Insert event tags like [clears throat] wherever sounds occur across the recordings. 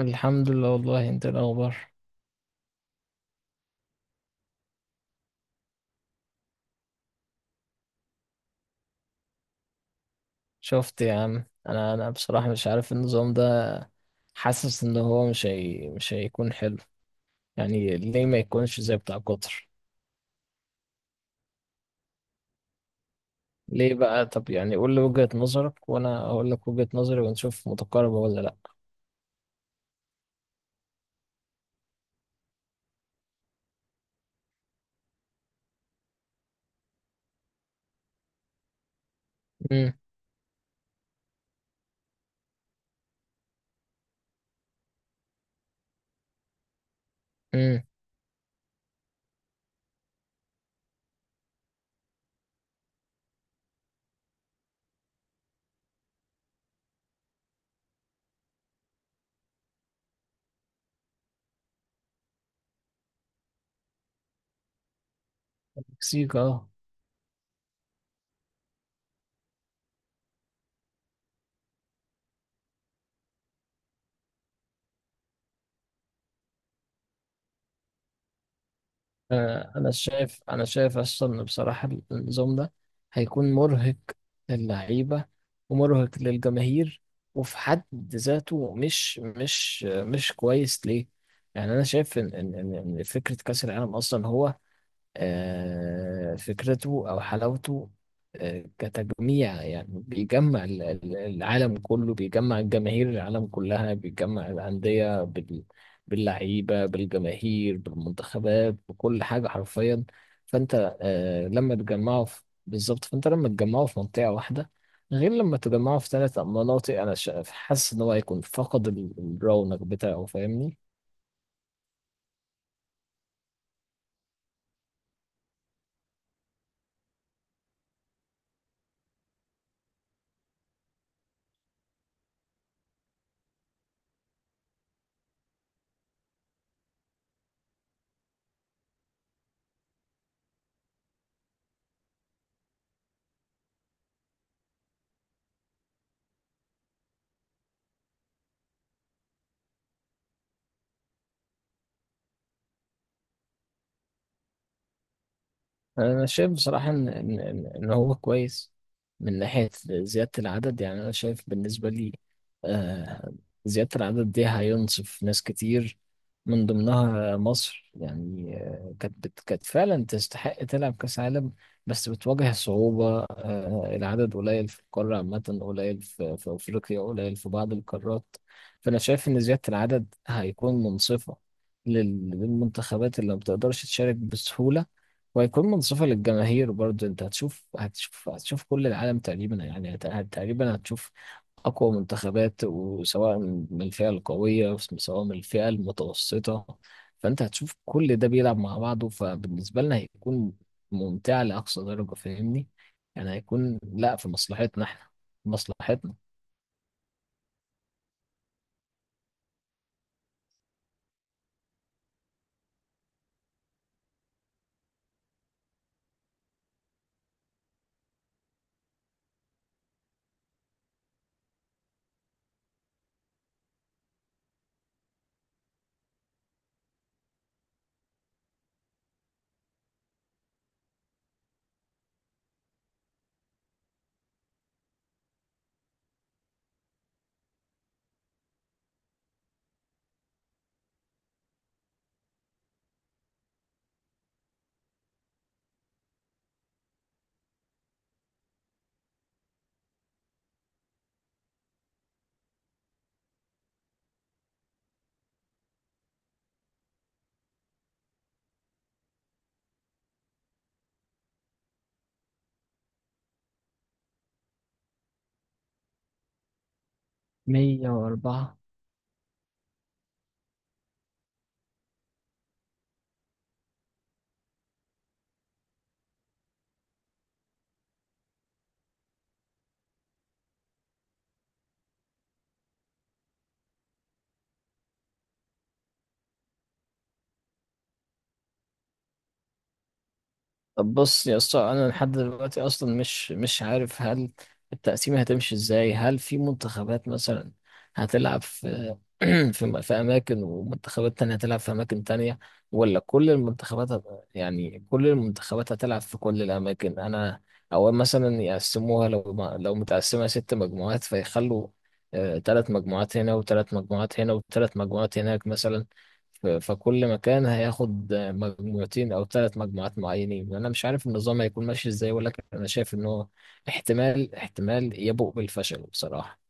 الحمد لله، والله. انت إيه الاخبار؟ شفت يا عم، انا بصراحة مش عارف النظام ده. حاسس ان هو مش هيكون حلو. يعني ليه ما يكونش زي بتاع قطر؟ ليه بقى؟ طب يعني قول لي وجهة نظرك وانا اقول لك وجهة نظري ونشوف متقاربة ولا لا. امم. امم. مكسيك، اه. آه، انا شايف اصلا إن بصراحه النظام ده هيكون مرهق للعيبه، ومرهق للجماهير، وفي حد ذاته مش كويس ليه. يعني انا شايف ان ان إن- إن فكره كاس العالم اصلا هو فكرته أو حلاوته، كتجميع، يعني بيجمع العالم كله، بيجمع الجماهير، العالم كلها، بيجمع الأندية باللعيبة، بالجماهير، بالمنتخبات، بكل حاجة حرفيا. فأنت لما بالظبط، فأنت لما تجمعوا في منطقة واحدة، غير لما تجمعوا في ثلاث مناطق. أنا حاسس إن هو هيكون فقد الرونق بتاعه، فاهمني؟ انا شايف بصراحه ان هو كويس من ناحيه زياده العدد. يعني انا شايف بالنسبه لي آه، زياده العدد دي هينصف ناس كتير، من ضمنها مصر. يعني كانت فعلا تستحق تلعب كاس عالم، بس بتواجه صعوبه. العدد قليل في القاره عامه، قليل في افريقيا، قليل في بعض القارات. فانا شايف ان زياده العدد هيكون منصفه للمنتخبات اللي ما بتقدرش تشارك بسهوله، وهيكون منصفة للجماهير برضه. انت هتشوف كل العالم تقريبا، يعني تقريبا هتشوف أقوى منتخبات، وسواء من الفئة القوية سواء من الفئة المتوسطة. فأنت هتشوف كل ده بيلعب مع بعضه، فبالنسبة لنا هيكون ممتع لأقصى درجة، فاهمني؟ يعني هيكون، لا، في مصلحتنا احنا، في مصلحتنا. 104. طب بص يا اسطى، انا لحد دلوقتي اصلا مش عارف هل التقسيمه هتمشي ازاي؟ هل في منتخبات مثلا هتلعب [clears throat] في اماكن ومنتخبات تانية هتلعب في اماكن تانية، ولا كل يعني كل المنتخبات هتلعب في كل الاماكن؟ انا او مثلا يقسموها، لو ما- لو متقسمة ست مجموعات، فيخلوا ثلاث مجموعات هنا، وثلاث مجموعات هنا، وثلاث مجموعات هناك مثلا. فكل مكان هياخد مجموعتين او ثلاث مجموعات معينين. انا مش عارف النظام هيكون ماشي ازاي، ولكن انا شايف ان هو احتمال يبوء بالفشل بصراحة.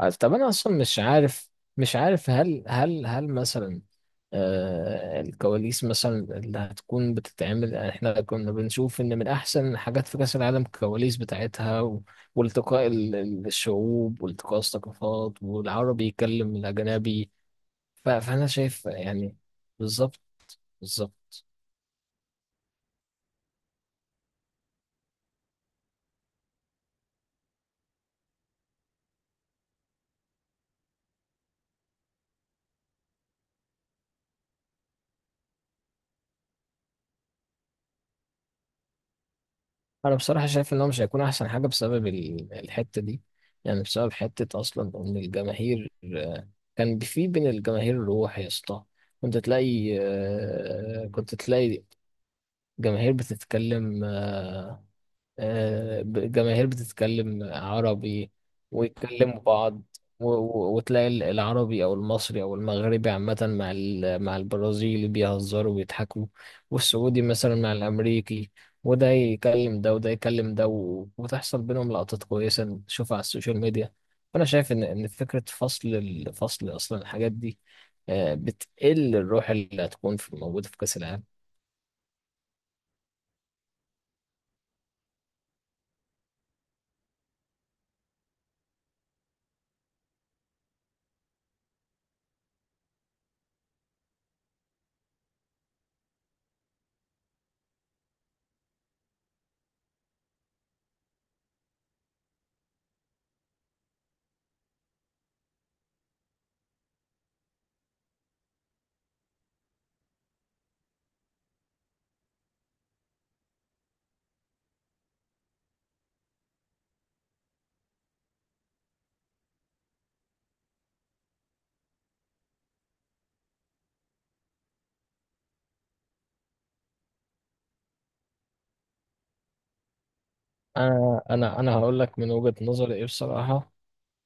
طب انا اصلا مش عارف، مش عارف هل مثلا الكواليس مثلا اللي هتكون بتتعمل. يعني احنا كنا بنشوف ان من احسن الحاجات في كاس العالم الكواليس بتاعتها، والتقاء الشعوب، والتقاء الثقافات، والعربي يكلم الاجنبي. فانا شايف يعني بالظبط، بالظبط. انا بصراحه شايف ان هو مش هيكون احسن حاجه بسبب الحته دي، يعني بسبب حته اصلا ان الجماهير، كان في بين الجماهير روح يا اسطى. كنت تلاقي جماهير بتتكلم، جماهير بتتكلم عربي، ويتكلموا بعض، وتلاقي العربي او المصري او المغربي عامة مع مع البرازيلي بيهزروا وبيضحكوا، والسعودي مثلا مع الامريكي، وده يكلم ده وده يكلم ده، وتحصل بينهم لقطات كويسة نشوفها على السوشيال ميديا. فانا شايف ان فكرة فصل الفصل اصلا الحاجات دي، بتقل الروح اللي هتكون في موجودة في كأس العالم. انا هقول لك من وجهة نظري ايه بصراحة.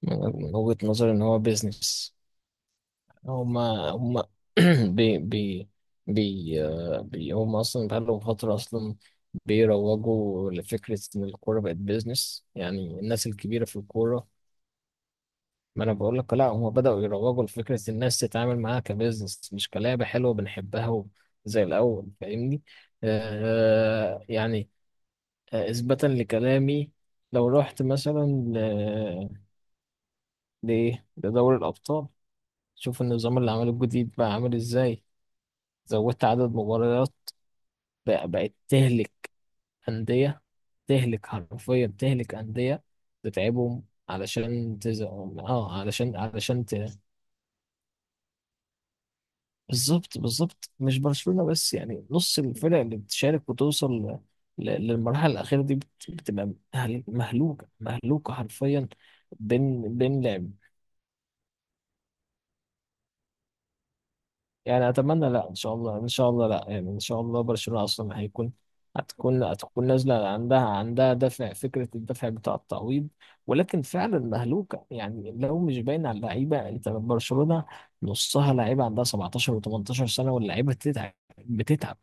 من وجهة نظري ان هو بيزنس. هما هما [clears throat] بي بي بي آه، بي هما اصلا بقالهم فترة اصلا بيروجوا لفكرة ان الكورة بقت بيزنس، يعني الناس الكبيرة في الكورة. ما انا بقول لك، لا، هما بدأوا يروجوا لفكرة الناس تتعامل معاها كبيزنس، مش كلعبة حلوة بنحبها زي الاول، فاهمني؟ آه يعني. اثباتا لكلامي، لو رحت مثلا ل- لإيه لدوري الابطال، شوف النظام اللي عمله الجديد بقى عامل ازاي. زودت عدد مباريات. بقت تهلك أندية، تهلك حرفيا، تهلك أندية، تتعبهم. علشان تز... اه علشان علشان ت... بالظبط، بالظبط، مش برشلونة بس، يعني نص الفرق اللي بتشارك وتوصل للمرحلة الأخيرة دي بتبقى مهلوكة، مهلوكة حرفيا. بين بين لعب يعني اتمنى لا، ان شاء الله، ان شاء الله، لا يعني، ان شاء الله برشلونة اصلا هيكون، هتكون نازله، عندها دافع، فكره الدافع بتاع التعويض. ولكن فعلا مهلوكه، يعني لو مش باين على اللعيبه. انت برشلونه نصها لعيبه عندها 17 و18 سنه، واللعيبه بتتعب، بتتعب.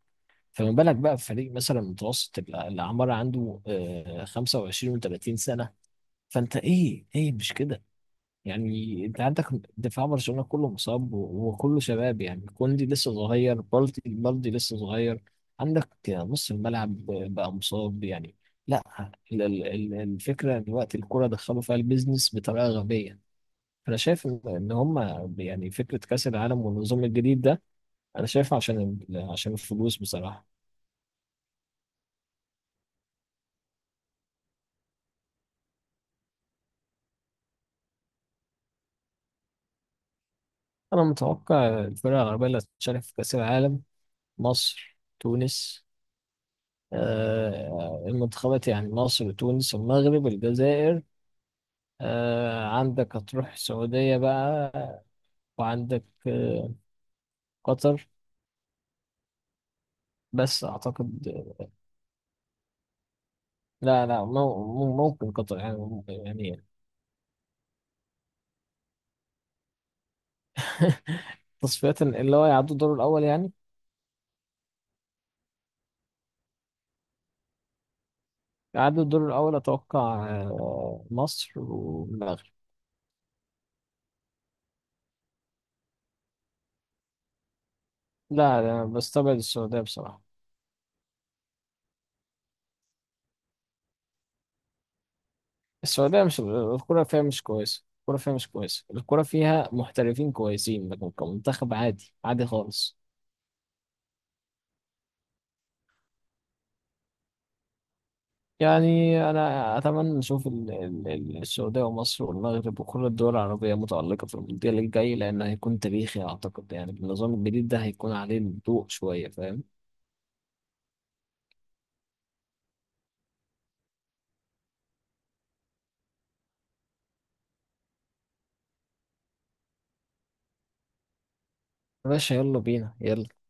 فما بالك بقى في فريق مثلا متوسط الاعمار عنده 25 و30 سنه. فانت ايه مش كده؟ يعني انت عندك دفاع برشلونة كله مصاب، وكله شباب، يعني كوندي لسه صغير، بالدي بالدي لسه صغير. عندك نص الملعب بقى مصاب يعني. لا. الفكرة دلوقتي الكرة دخلوا فيها البيزنس بطريقة غبية. انا شايف ان هما يعني فكرة كأس العالم والنظام الجديد ده، انا شايفه عشان الفلوس بصراحة. انا متوقع الفرق العربية اللي هتشارك في كأس العالم: مصر، تونس. المنتخبات، يعني مصر، تونس، المغرب، الجزائر. عندك هتروح السعودية بقى، وعندك قطر. بس أعتقد. لا، لا، ممكن قطر، يعني [laughs] تصفية اللي هو يعدوا الدور الأول يعني. يعدوا الدور الأول أتوقع مصر والمغرب. لا، أنا بستبعد السعودية بصراحة. السعودية مش الكرة فيها مش كويسة، الكرة فيها مش كويسة، الكرة فيها محترفين كويسين، لكن كمنتخب عادي، عادي خالص. يعني أنا أتمنى نشوف السعودية ومصر والمغرب وكل الدول العربية متألقة في المونديال الجاي، لأن هيكون تاريخي أعتقد. يعني النظام الجديد ده هيكون عليه الضوء شوية، فاهم؟ يا باشا، يلا بينا، يلا.